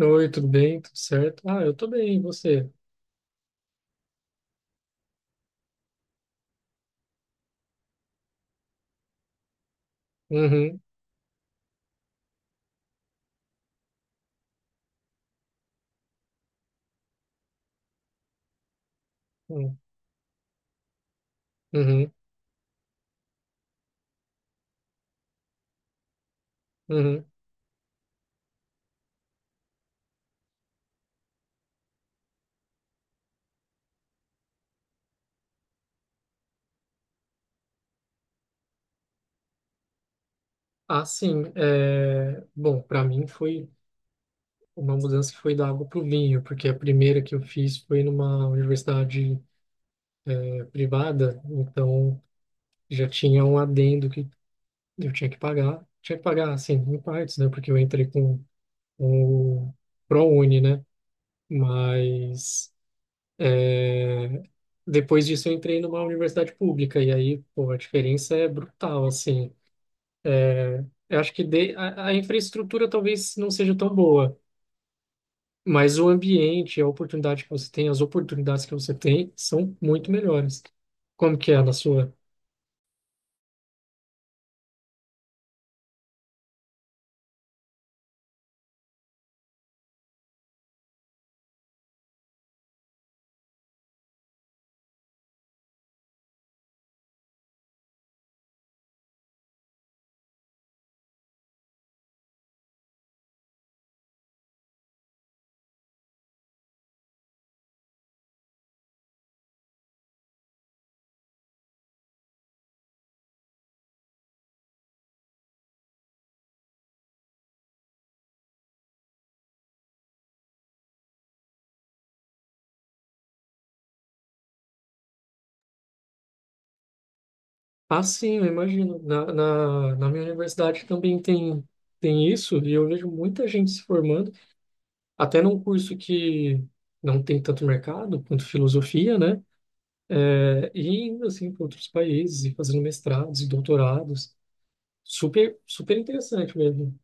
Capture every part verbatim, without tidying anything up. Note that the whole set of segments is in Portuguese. Oi, tudo bem? Tudo certo? Ah, eu tô bem, e você? Uhum, uhum, uhum. Uhum. Ah, sim. É... Bom, para mim foi uma mudança que foi da água pro vinho, porque a primeira que eu fiz foi numa universidade eh, privada, então já tinha um adendo que eu tinha que pagar. Tinha que pagar, assim, em partes, né? Porque eu entrei com, com o ProUni, né? Mas... eh, Depois disso eu entrei numa universidade pública e aí, pô, a diferença é brutal, assim. É, eu acho que de- a, a infraestrutura talvez não seja tão boa, mas o ambiente, a oportunidade que você tem, as oportunidades que você tem são muito melhores. Como que é na sua? Ah, sim, eu imagino. Na, na, na minha universidade também tem, tem isso, e eu vejo muita gente se formando, até num curso que não tem tanto mercado quanto filosofia, né? É, e indo assim para outros países, e fazendo mestrados e doutorados. Super, super interessante mesmo.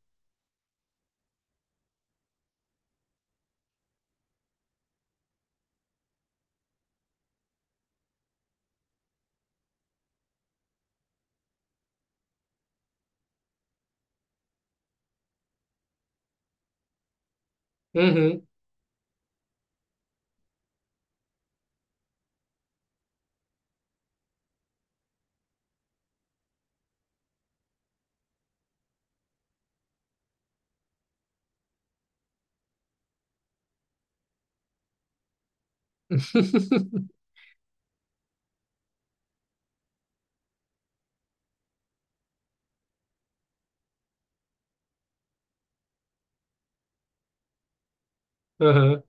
Uhum. Aham,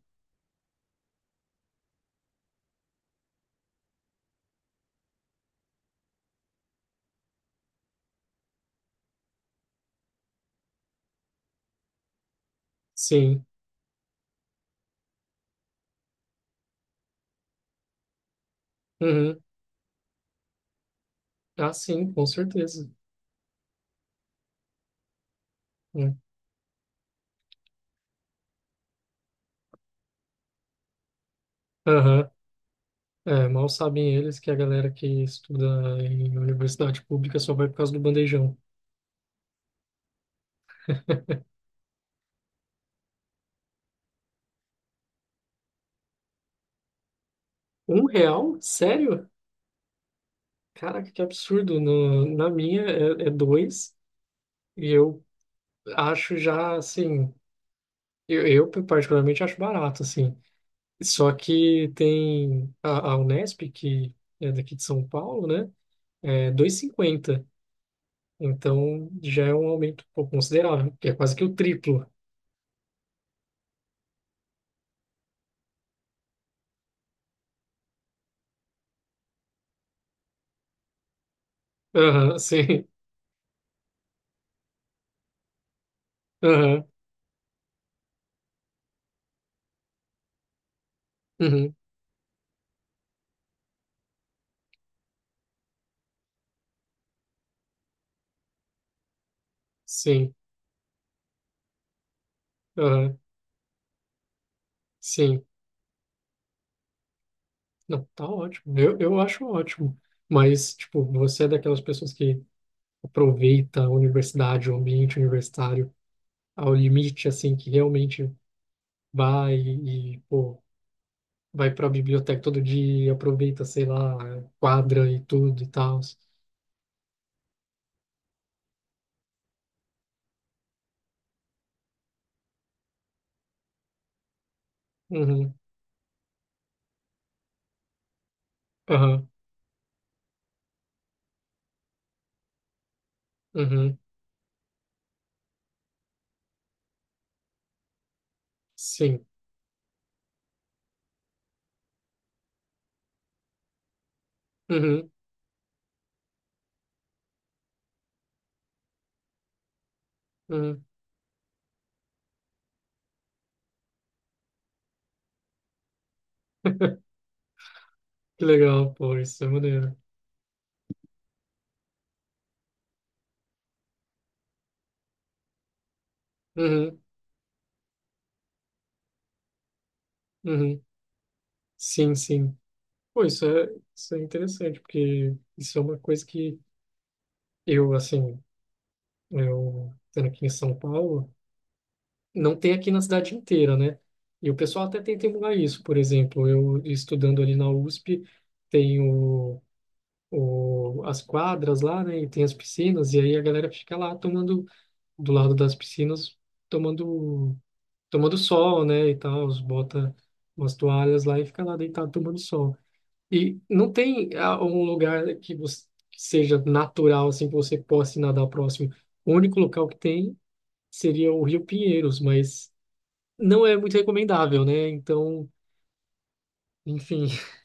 sim. Uhum. Ah, sim, com certeza. Né? Aham. É, mal sabem eles que a galera que estuda em universidade pública só vai por causa do bandejão. Um real? Sério? Caraca, que absurdo. No, na minha é, é dois. E eu acho já, assim. Eu, eu particularmente acho barato, assim. Só que tem a, a Unesp, que é daqui de São Paulo, né? É dois e cinquenta. Então já é um aumento um pouco considerável, que é quase que o triplo. Aham, sim. Aham, uhum, sim. Aham, sim. Não, tá ótimo. Eu, eu acho ótimo. Mas, tipo, você é daquelas pessoas que aproveita a universidade, o ambiente universitário ao limite, assim, que realmente vai e, pô, vai pra biblioteca todo dia, aproveita, sei lá, quadra e tudo e tal. Uhum, aham, uhum, sim. Uhum, uhum. Que legal, pô, isso é maneiro. Uhum, uhum. Sim, sim. Pô, isso é, isso é interessante, porque isso é uma coisa que eu, assim, eu estando aqui em São Paulo, não tem aqui na cidade inteira, né? E o pessoal até tenta emular isso, por exemplo, eu estudando ali na U S P, tem o, o, as quadras lá, né, e tem as piscinas, e aí a galera fica lá tomando, do lado das piscinas, tomando tomando sol, né, e tal, os bota umas toalhas lá e fica lá deitado tomando sol. E não tem ah, um lugar que você que seja natural assim que você possa ir nadar próximo. O único local que tem seria o Rio Pinheiros, mas não é muito recomendável, né? Então, enfim,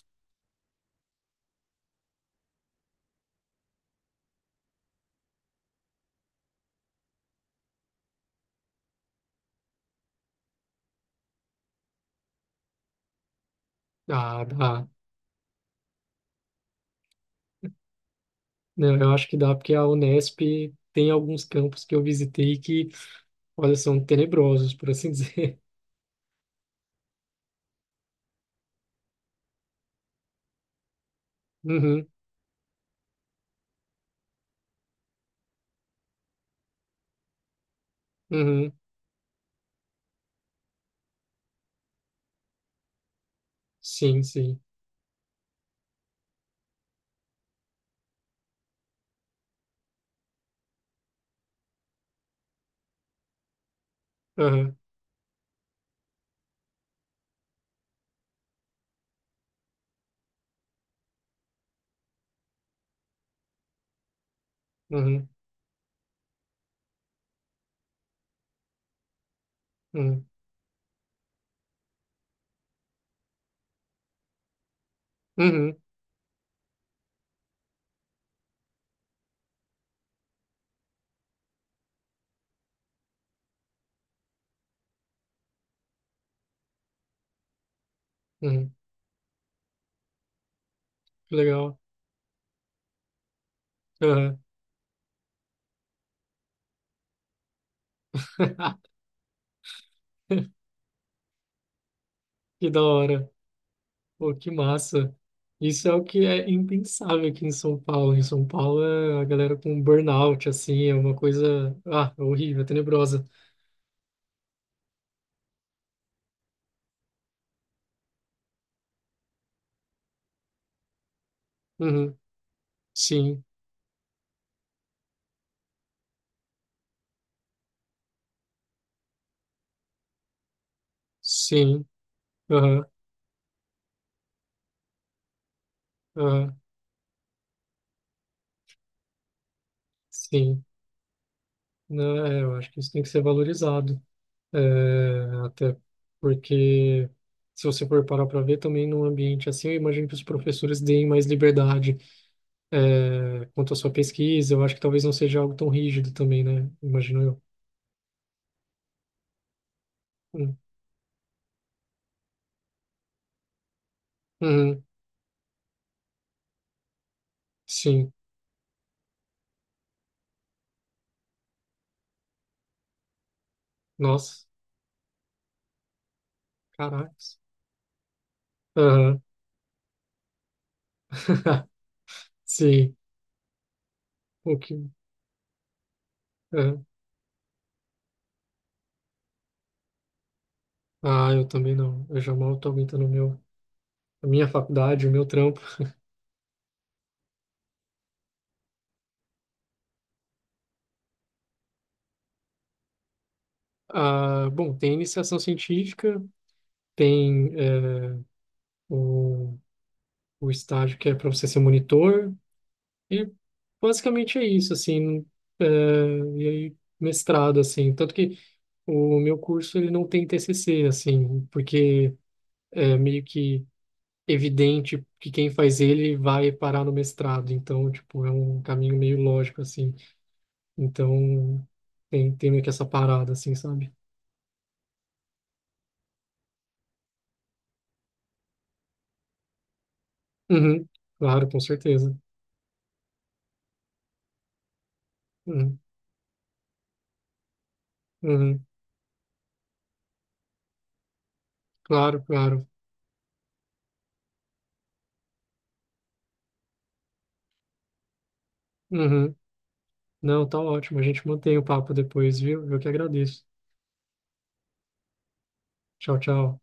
ah, dá. Não, eu acho que dá porque a Unesp tem alguns campos que eu visitei que, olha, são tenebrosos, por assim dizer. Uhum, uhum, sim, sim. Aham, uhum, uhum, uhum. Uhum. Que legal. Aham. Que da hora. Pô, que massa. Isso é o que é impensável aqui em São Paulo. Em São Paulo, é a galera com burnout, assim, é uma coisa, ah, é horrível, é tenebrosa. Uhum. Sim, sim, aham, aham, sim. Não, é, eu acho que isso tem que ser valorizado. É, até porque, Se você for parar para ver, também num ambiente assim, eu imagino que os professores deem mais liberdade é, quanto à sua pesquisa, eu acho que talvez não seja algo tão rígido também, né? Imagino eu. Hum. Uhum. Sim. Nossa, caracas. Aham. Sim. O que... é. Ah, eu também não. Eu já mal estou aguentando o meu, a minha faculdade, o meu trampo. Ah, bom, tem iniciação científica, tem é, o, o estágio que é para você ser monitor, e basicamente é isso, assim. É, e aí, mestrado, assim. Tanto que o meu curso ele não tem T C C, assim, porque é meio que evidente que quem faz ele vai parar no mestrado. Então, tipo, é um caminho meio lógico, assim. Então, tem, tem meio que essa parada, assim, sabe? Uhum, claro, com certeza. Uhum, uhum, claro, claro. Uhum. Não, tá ótimo. A gente mantém o papo depois, viu? Eu que agradeço. Tchau, tchau.